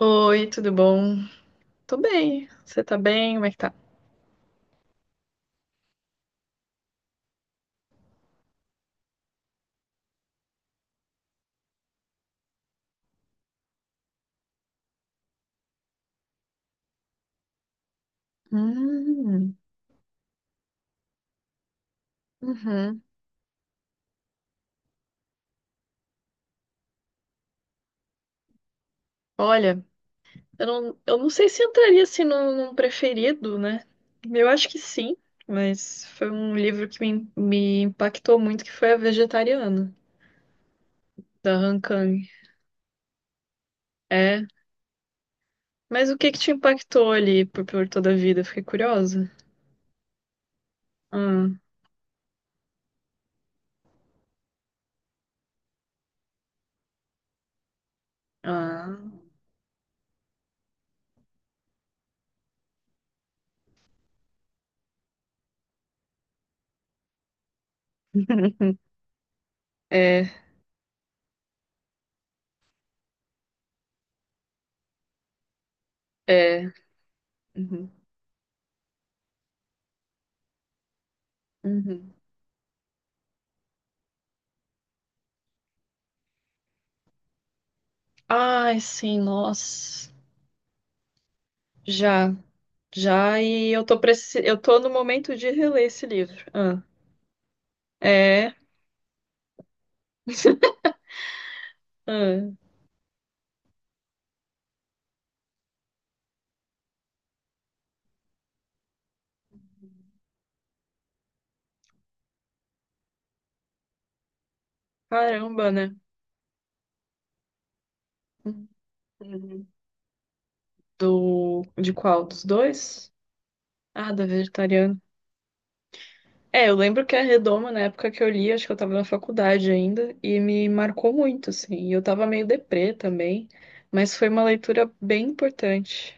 Oi, tudo bom? Tô bem. Você tá bem? Como é que tá? Hum, uhum. Olha, eu não sei se entraria assim num preferido, né? Eu acho que sim, mas foi um livro que me impactou muito, que foi A Vegetariana, da Han Kang. É. Mas o que que te impactou ali por toda a vida? Fiquei curiosa. Ah, ah. É, é. Uhum, uhum. Ai, sim, nossa. Já. Já e eu tô preci... eu tô no momento de reler esse livro. Ah, é, ah, caramba, né? Uhum. Do de qual? Dos dois? Ah, da vegetariana. É, eu lembro que a Redoma, na época que eu li, acho que eu tava na faculdade ainda, e me marcou muito, assim. E eu tava meio deprê também, mas foi uma leitura bem importante.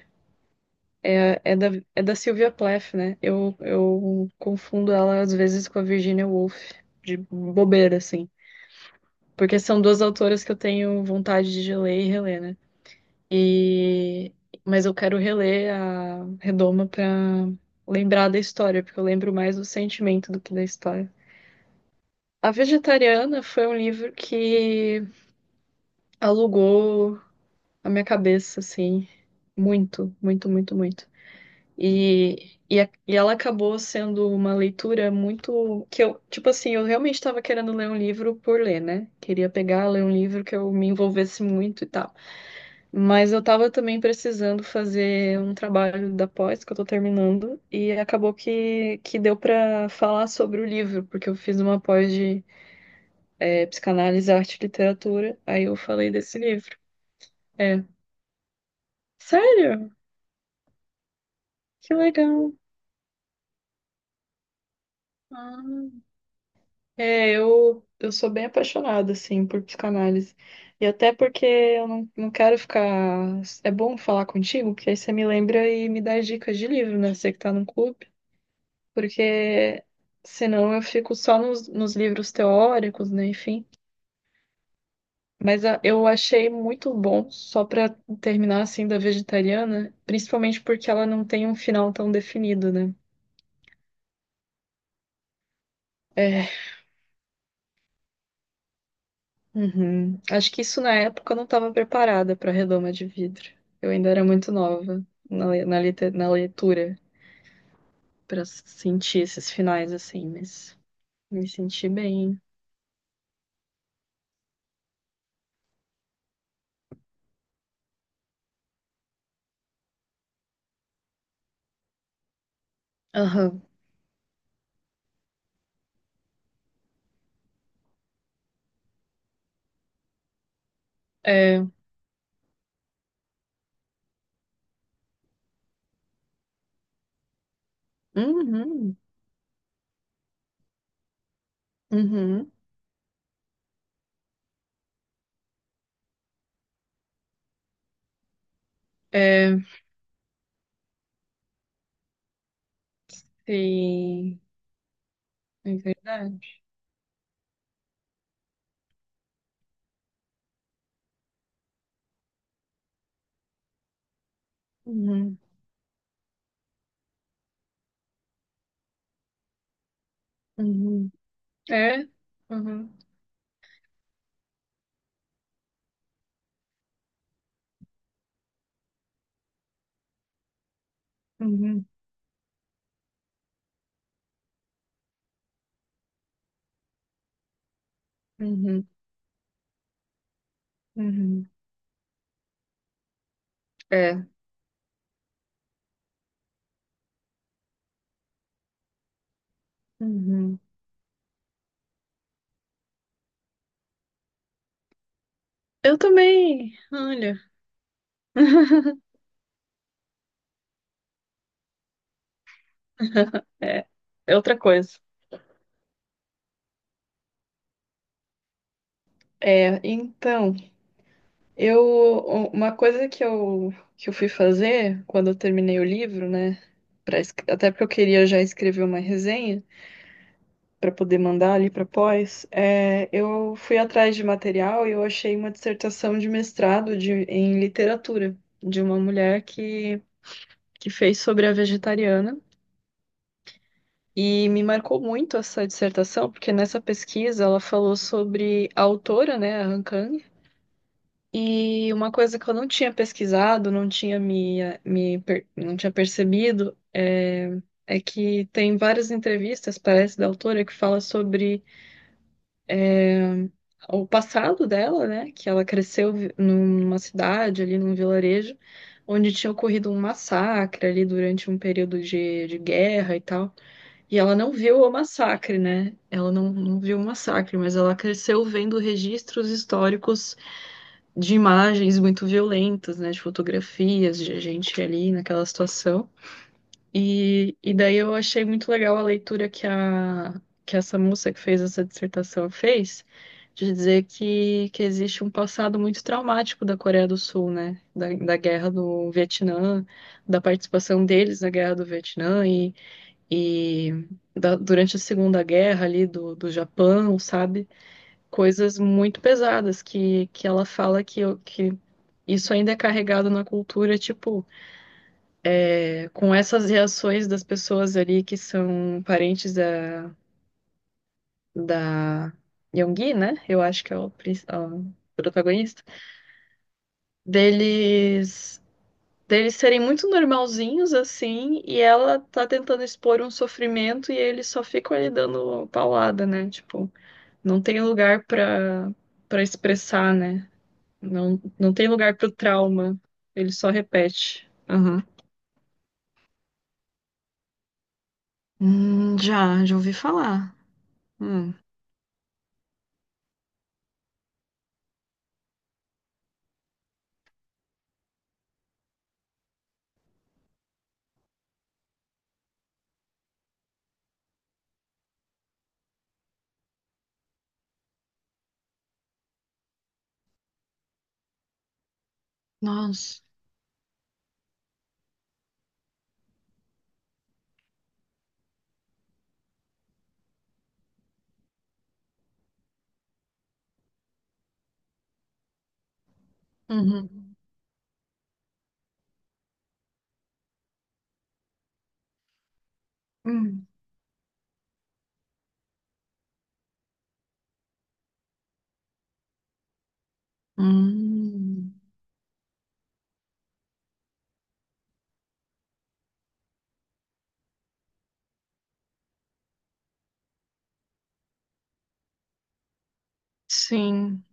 É, é da, é da Sylvia Plath, né? Eu confundo ela às vezes com a Virginia Woolf, de bobeira, assim. Porque são duas autoras que eu tenho vontade de ler e reler, né? E... Mas eu quero reler a Redoma pra lembrar da história, porque eu lembro mais do sentimento do que da história. A Vegetariana foi um livro que alugou a minha cabeça, assim, muito, muito, muito, muito. E ela acabou sendo uma leitura muito que eu, tipo assim, eu realmente estava querendo ler um livro por ler, né? Queria pegar, ler um livro que eu me envolvesse muito e tal. Mas eu tava também precisando fazer um trabalho da pós que eu tô terminando e acabou que deu pra falar sobre o livro, porque eu fiz uma pós de psicanálise, arte e literatura, aí eu falei desse livro. É. Sério? Que legal. Ah. Eu sou bem apaixonada, assim, por psicanálise. E até porque eu não, não quero ficar. É bom falar contigo, porque aí você me lembra e me dá dicas de livro, né? Você que tá no clube. Porque senão eu fico só nos livros teóricos, né? Enfim. Eu achei muito bom, só pra terminar assim, da vegetariana, principalmente porque ela não tem um final tão definido, né? É, uhum. Acho que isso na época eu não estava preparada para redoma de vidro. Eu ainda era muito nova na, le- na, lite- na leitura para sentir esses finais assim, mas me senti bem. Aham. É. Uhum. Uhum. É. Sim. É verdade. Uhum, uhum. É? Uhum, uhum, uhum, uhum. É. Uhum. Eu também, olha. É, é outra coisa. É, então, eu, uma coisa que eu fui fazer quando eu terminei o livro, né, até porque eu queria já escrever uma resenha, para poder mandar ali para pós, é, eu fui atrás de material e eu achei uma dissertação de mestrado de, em literatura de uma mulher que fez sobre a vegetariana. E me marcou muito essa dissertação, porque nessa pesquisa ela falou sobre a autora, né, a Han Kang, e uma coisa que eu não tinha pesquisado, não tinha me, não tinha percebido, é, é que tem várias entrevistas, parece, da autora que fala sobre o passado dela, né? Que ela cresceu vi- numa cidade, ali num vilarejo, onde tinha ocorrido um massacre ali durante um período de guerra e tal. E ela não viu o massacre, né? Ela não, não viu o massacre, mas ela cresceu vendo registros históricos de imagens muito violentas, né? De fotografias de gente ali naquela situação. E daí eu achei muito legal a leitura que essa moça que fez essa dissertação fez, de dizer que existe um passado muito traumático da Coreia do Sul, né? Da guerra do Vietnã, da participação deles na guerra do Vietnã e da- durante a Segunda Guerra ali do Japão, sabe? Coisas muito pesadas que ela fala que isso ainda é carregado na cultura, tipo com essas reações das pessoas ali que são parentes da Yoongi, né? Eu acho que é o, princ- o protagonista. Deles, deles serem muito normalzinhos, assim, e ela tá tentando expor um sofrimento e eles só ficam ali dando paulada, né? Tipo, não tem lugar pra, pra expressar, né? Não tem lugar pro trauma. Ele só repete. Aham. Já ouvi falar. Hum. Nossa. Uhum. Hum. Hum. Sim.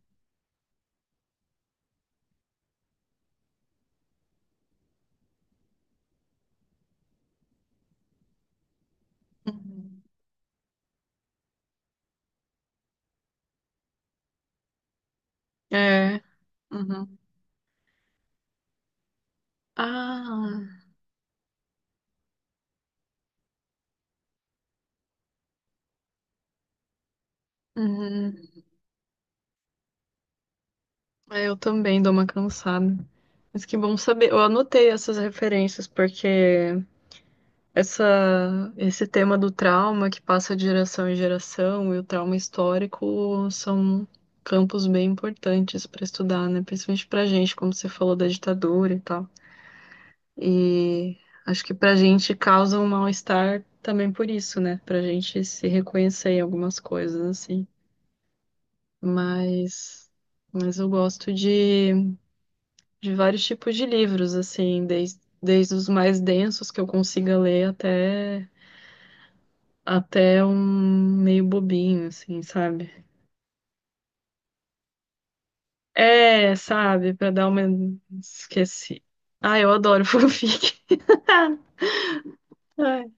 Uhum. É. Uhum. Ah. Uhum. É, eu também dou uma cansada. Mas que bom saber. Eu anotei essas referências, porque essa, esse tema do trauma que passa de geração em geração e o trauma histórico são campos bem importantes para estudar, né? Principalmente pra gente, como você falou da ditadura e tal. E acho que pra gente causa um mal-estar também por isso, né? Pra gente se reconhecer em algumas coisas, assim. Mas, mas eu gosto de vários tipos de livros, assim, desde os mais densos que eu consiga ler até, até um meio bobinho, assim, sabe? É, sabe, pra dar uma. Esqueci. Ah, eu adoro fanfic. Ai,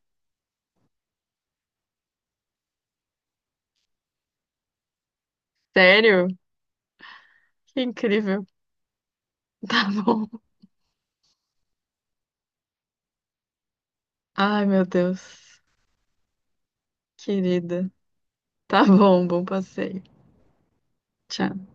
sério? Que incrível. Tá bom. Ai, meu Deus. Querida. Tá bom, bom passeio. Tchau.